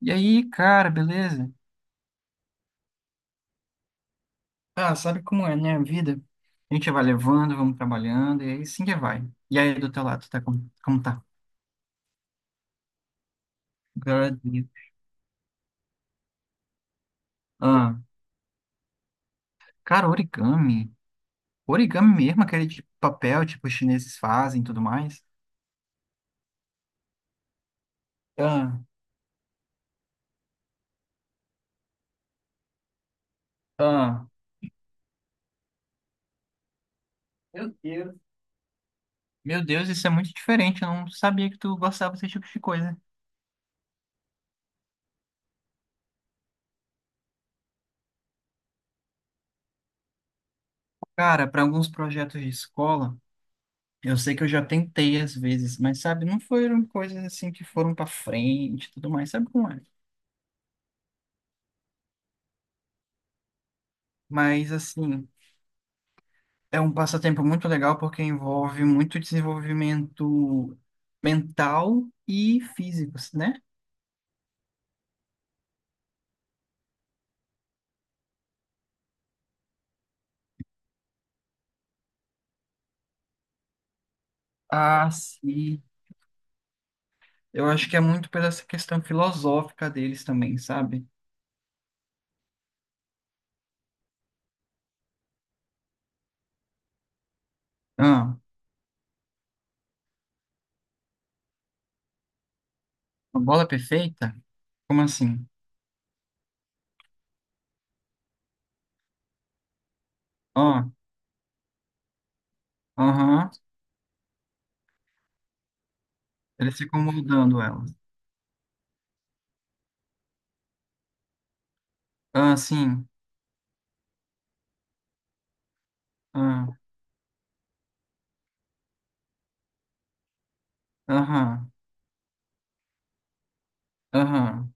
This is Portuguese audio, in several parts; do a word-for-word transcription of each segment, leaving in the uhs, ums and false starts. E aí, cara, beleza? Ah, sabe como é, né? A vida. A gente vai levando, vamos trabalhando, e aí sim que vai. E aí, do teu lado, tá como, como tá? Glória a Deus. Ah, cara, origami. Origami mesmo, aquele de papel, tipo, os chineses fazem e tudo mais. Ah, ah. Meu Deus. Meu Deus, isso é muito diferente. Eu não sabia que tu gostava desse tipo de coisa. Cara, para alguns projetos de escola, eu sei que eu já tentei às vezes, mas sabe, não foram coisas assim que foram para frente e tudo mais. Sabe como é? Mas, assim, é um passatempo muito legal porque envolve muito desenvolvimento mental e físico, né? Ah, sim, eu acho que é muito pela essa questão filosófica deles também, sabe? Ah, uma bola é perfeita? Como assim? Ó, aham, eles ficam moldando ela. Ah, sim, ah, aham, aham.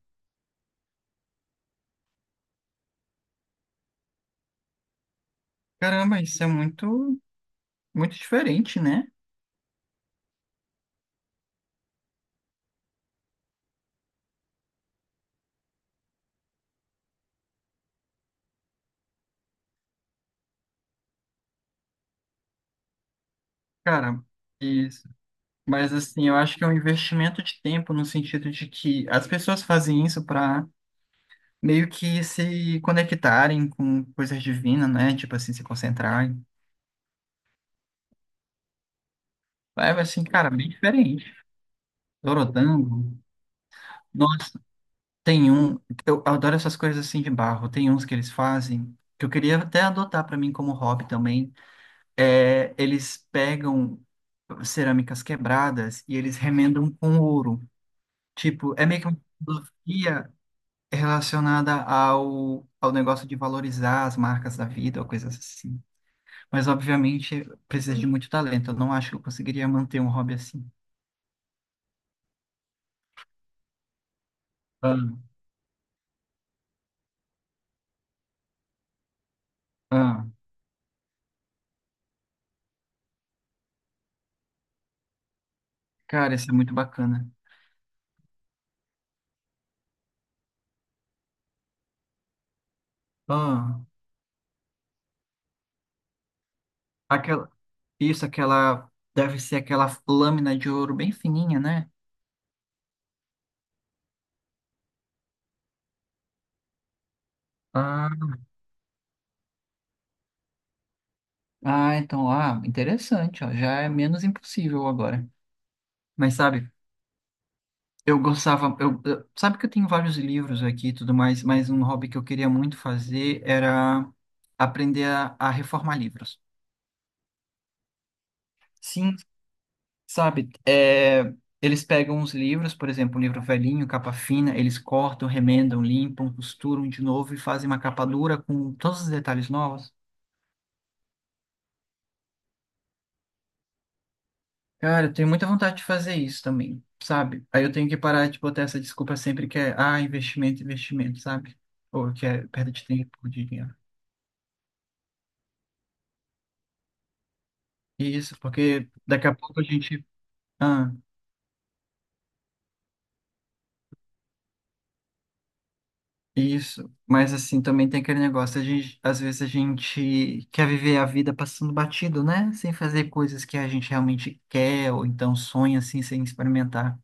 Caramba, isso é muito, muito diferente, né? Cara, isso. Mas assim, eu acho que é um investimento de tempo no sentido de que as pessoas fazem isso para meio que se conectarem com coisas divinas, né? Tipo assim, se concentrarem. É assim, cara, bem diferente. Dorodango. Nossa, tem um. Eu adoro essas coisas assim de barro. Tem uns que eles fazem que eu queria até adotar para mim como hobby também. É, eles pegam cerâmicas quebradas e eles remendam com ouro. Tipo, é meio que uma filosofia relacionada ao, ao negócio de valorizar as marcas da vida ou coisas assim. Mas, obviamente, precisa de muito talento. Eu não acho que eu conseguiria manter um hobby assim. Ah, ah, cara, isso é muito bacana. Ah, aquela, isso, aquela, deve ser aquela lâmina de ouro bem fininha, né? Ah, ah, então, ah, interessante, ó, já é menos impossível agora. Mas sabe, eu gostava, eu, eu- sabe que eu tenho vários livros aqui e tudo mais, mas um hobby que eu queria muito fazer era aprender a, a reformar livros. Sim, sabe? É, eles pegam os livros, por exemplo, um livro velhinho, capa fina, eles cortam, remendam, limpam, costuram de novo e fazem uma capa dura com todos os detalhes novos. Cara, eu tenho muita vontade de fazer isso também, sabe? Aí eu tenho que parar de botar essa desculpa sempre que é, ah, investimento, investimento, sabe? Ou que é perda de tempo, de dinheiro. Isso, porque daqui a pouco a gente. Ah, isso. Mas assim, também tem aquele negócio, a gente, às vezes a gente quer viver a vida passando batido, né? Sem fazer coisas que a gente realmente quer, ou então sonha assim, sem experimentar.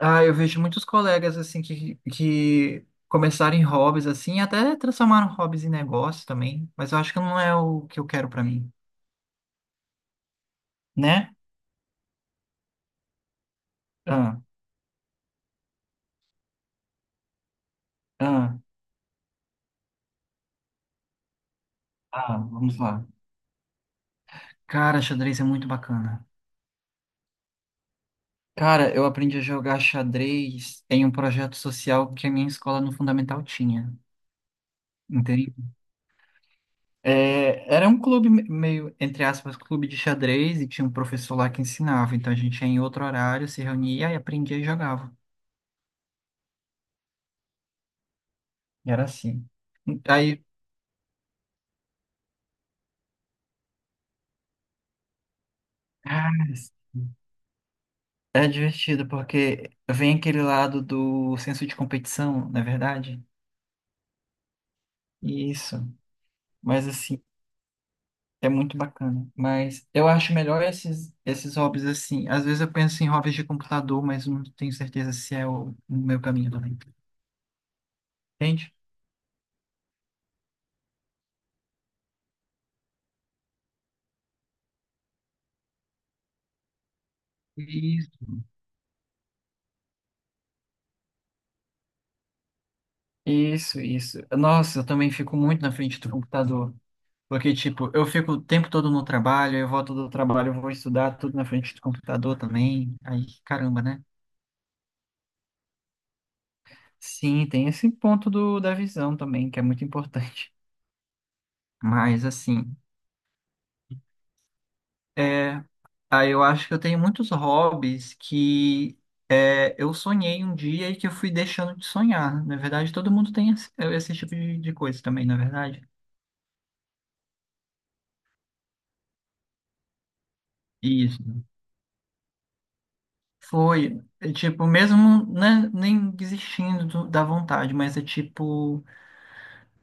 Ah, eu vejo muitos colegas assim que, que começaram em hobbies assim, até transformaram hobbies em negócio também, mas eu acho que não é o que eu quero pra mim, né? Ah, ah, ah, vamos lá. Cara, xadrez é muito bacana. Cara, eu aprendi a jogar xadrez em um projeto social que a minha escola no Fundamental tinha, entende? É, era um clube me- meio, entre aspas, clube de xadrez e tinha um professor lá que ensinava. Então a gente ia em outro horário, se reunia e aprendia e jogava. E era assim. Aí, ah, é divertido porque vem aquele lado do senso de competição, não é verdade? Isso. Mas assim, é muito bacana, mas eu acho melhor esses, esses hobbies assim. Às vezes eu penso em hobbies de computador, mas não tenho certeza se é o, o meu caminho também. Entende? Isso. Isso, isso. Nossa, eu também fico muito na frente do computador. Porque, tipo, eu fico o tempo todo no trabalho, eu volto do trabalho, eu vou estudar tudo na frente do computador também. Aí, caramba, né? Sim, tem esse ponto do, da visão também, que é muito importante. Mas, assim. É. Ah, eu acho que eu tenho muitos hobbies que é, eu sonhei um dia e que eu fui deixando de sonhar. Na verdade, todo mundo tem esse, é, esse tipo de, de coisa também, na verdade. Isso. Foi, é, tipo, mesmo né, nem desistindo do- da vontade, mas é tipo,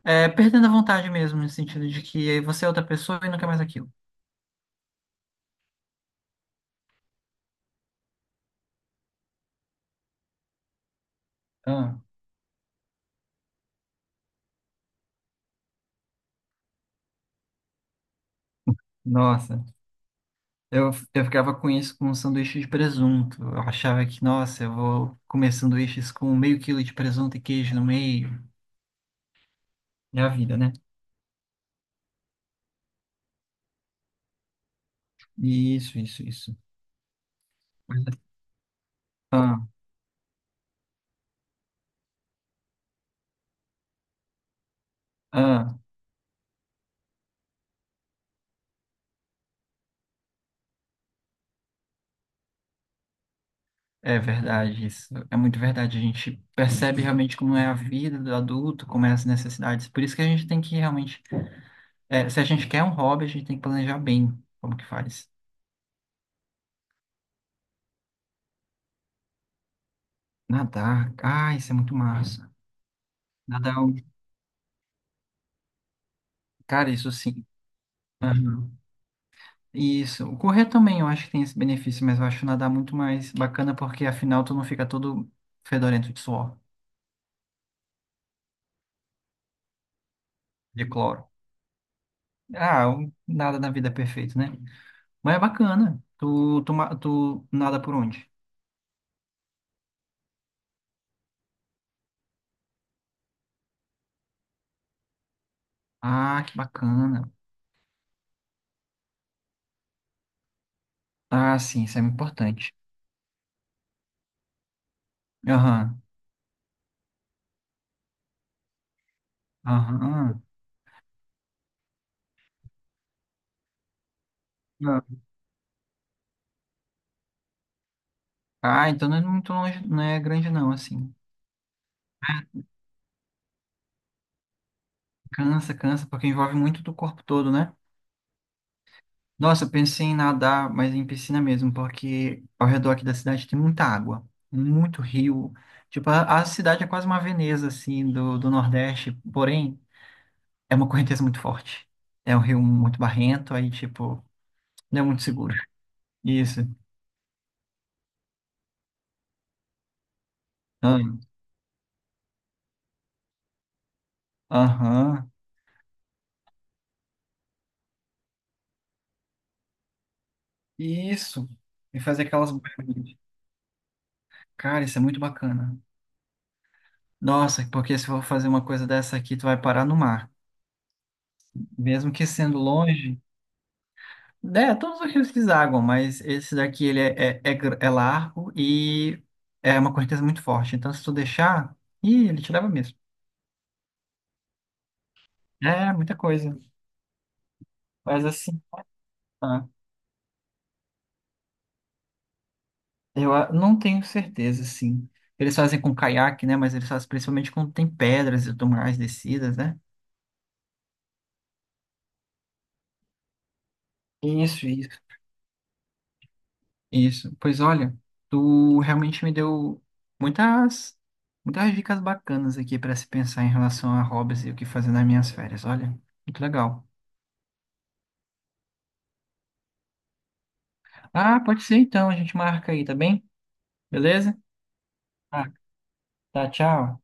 é, perdendo a vontade mesmo, no sentido de que você é outra pessoa e não quer mais aquilo. Ah, nossa, eu, eu ficava com isso com um sanduíche de presunto. Eu achava que, nossa, eu vou comer sanduíches com meio quilo de presunto e queijo no meio. É a vida, né? Isso, isso, isso. Ah, ah, é verdade isso. É muito verdade. A gente percebe realmente como é a vida do adulto, como é as necessidades. Por isso que a gente tem que realmente, é, se a gente quer um hobby, a gente tem que planejar bem como que faz. Nadar, ah, isso é muito massa. Nadar, é um- cara, isso sim. Aham. Isso. O correr também, eu acho que tem esse benefício, mas eu acho nadar muito mais bacana porque afinal tu não fica todo fedorento de suor, de cloro. Ah, um- nada na vida é perfeito, né? Mas é bacana. Tu, tu, ma- tu nada por onde? Ah, que bacana. Ah, sim, isso é importante. Aham, aham. Ah, ah, então não é muito longe, não é grande não, assim. Cansa, cansa, porque envolve muito do corpo todo, né? Nossa, eu pensei em nadar, mas em piscina mesmo, porque ao redor aqui da cidade tem muita água, muito rio. Tipo, a, a cidade é quase uma Veneza, assim, do, do Nordeste, porém, é uma correnteza muito forte. É um rio muito barrento, aí, tipo, não é muito seguro. Isso. Ah, aham. Isso. E fazer aquelas barulhinhas. Cara, isso é muito bacana. Nossa, porque se eu for fazer uma coisa dessa aqui, tu vai parar no mar. Mesmo que sendo longe. É, todos os rios desaguam, mas esse daqui ele é, é, é, gr- é largo e é uma correnteza muito forte. Então, se tu deixar, ih, ele te leva mesmo. É, muita coisa. Mas assim, tá. Eu ah, não tenho certeza, sim. Eles fazem com caiaque, né? Mas eles fazem principalmente quando tem pedras e tudo mais descidas, né? Isso, isso. Isso. Pois olha, tu realmente me deu muitas, muitas dicas bacanas aqui para se pensar em relação a hobbies e o que fazer nas minhas férias. Olha, muito legal. Ah, pode ser então, a gente marca aí, tá bem? Beleza? Ah, tá, tchau.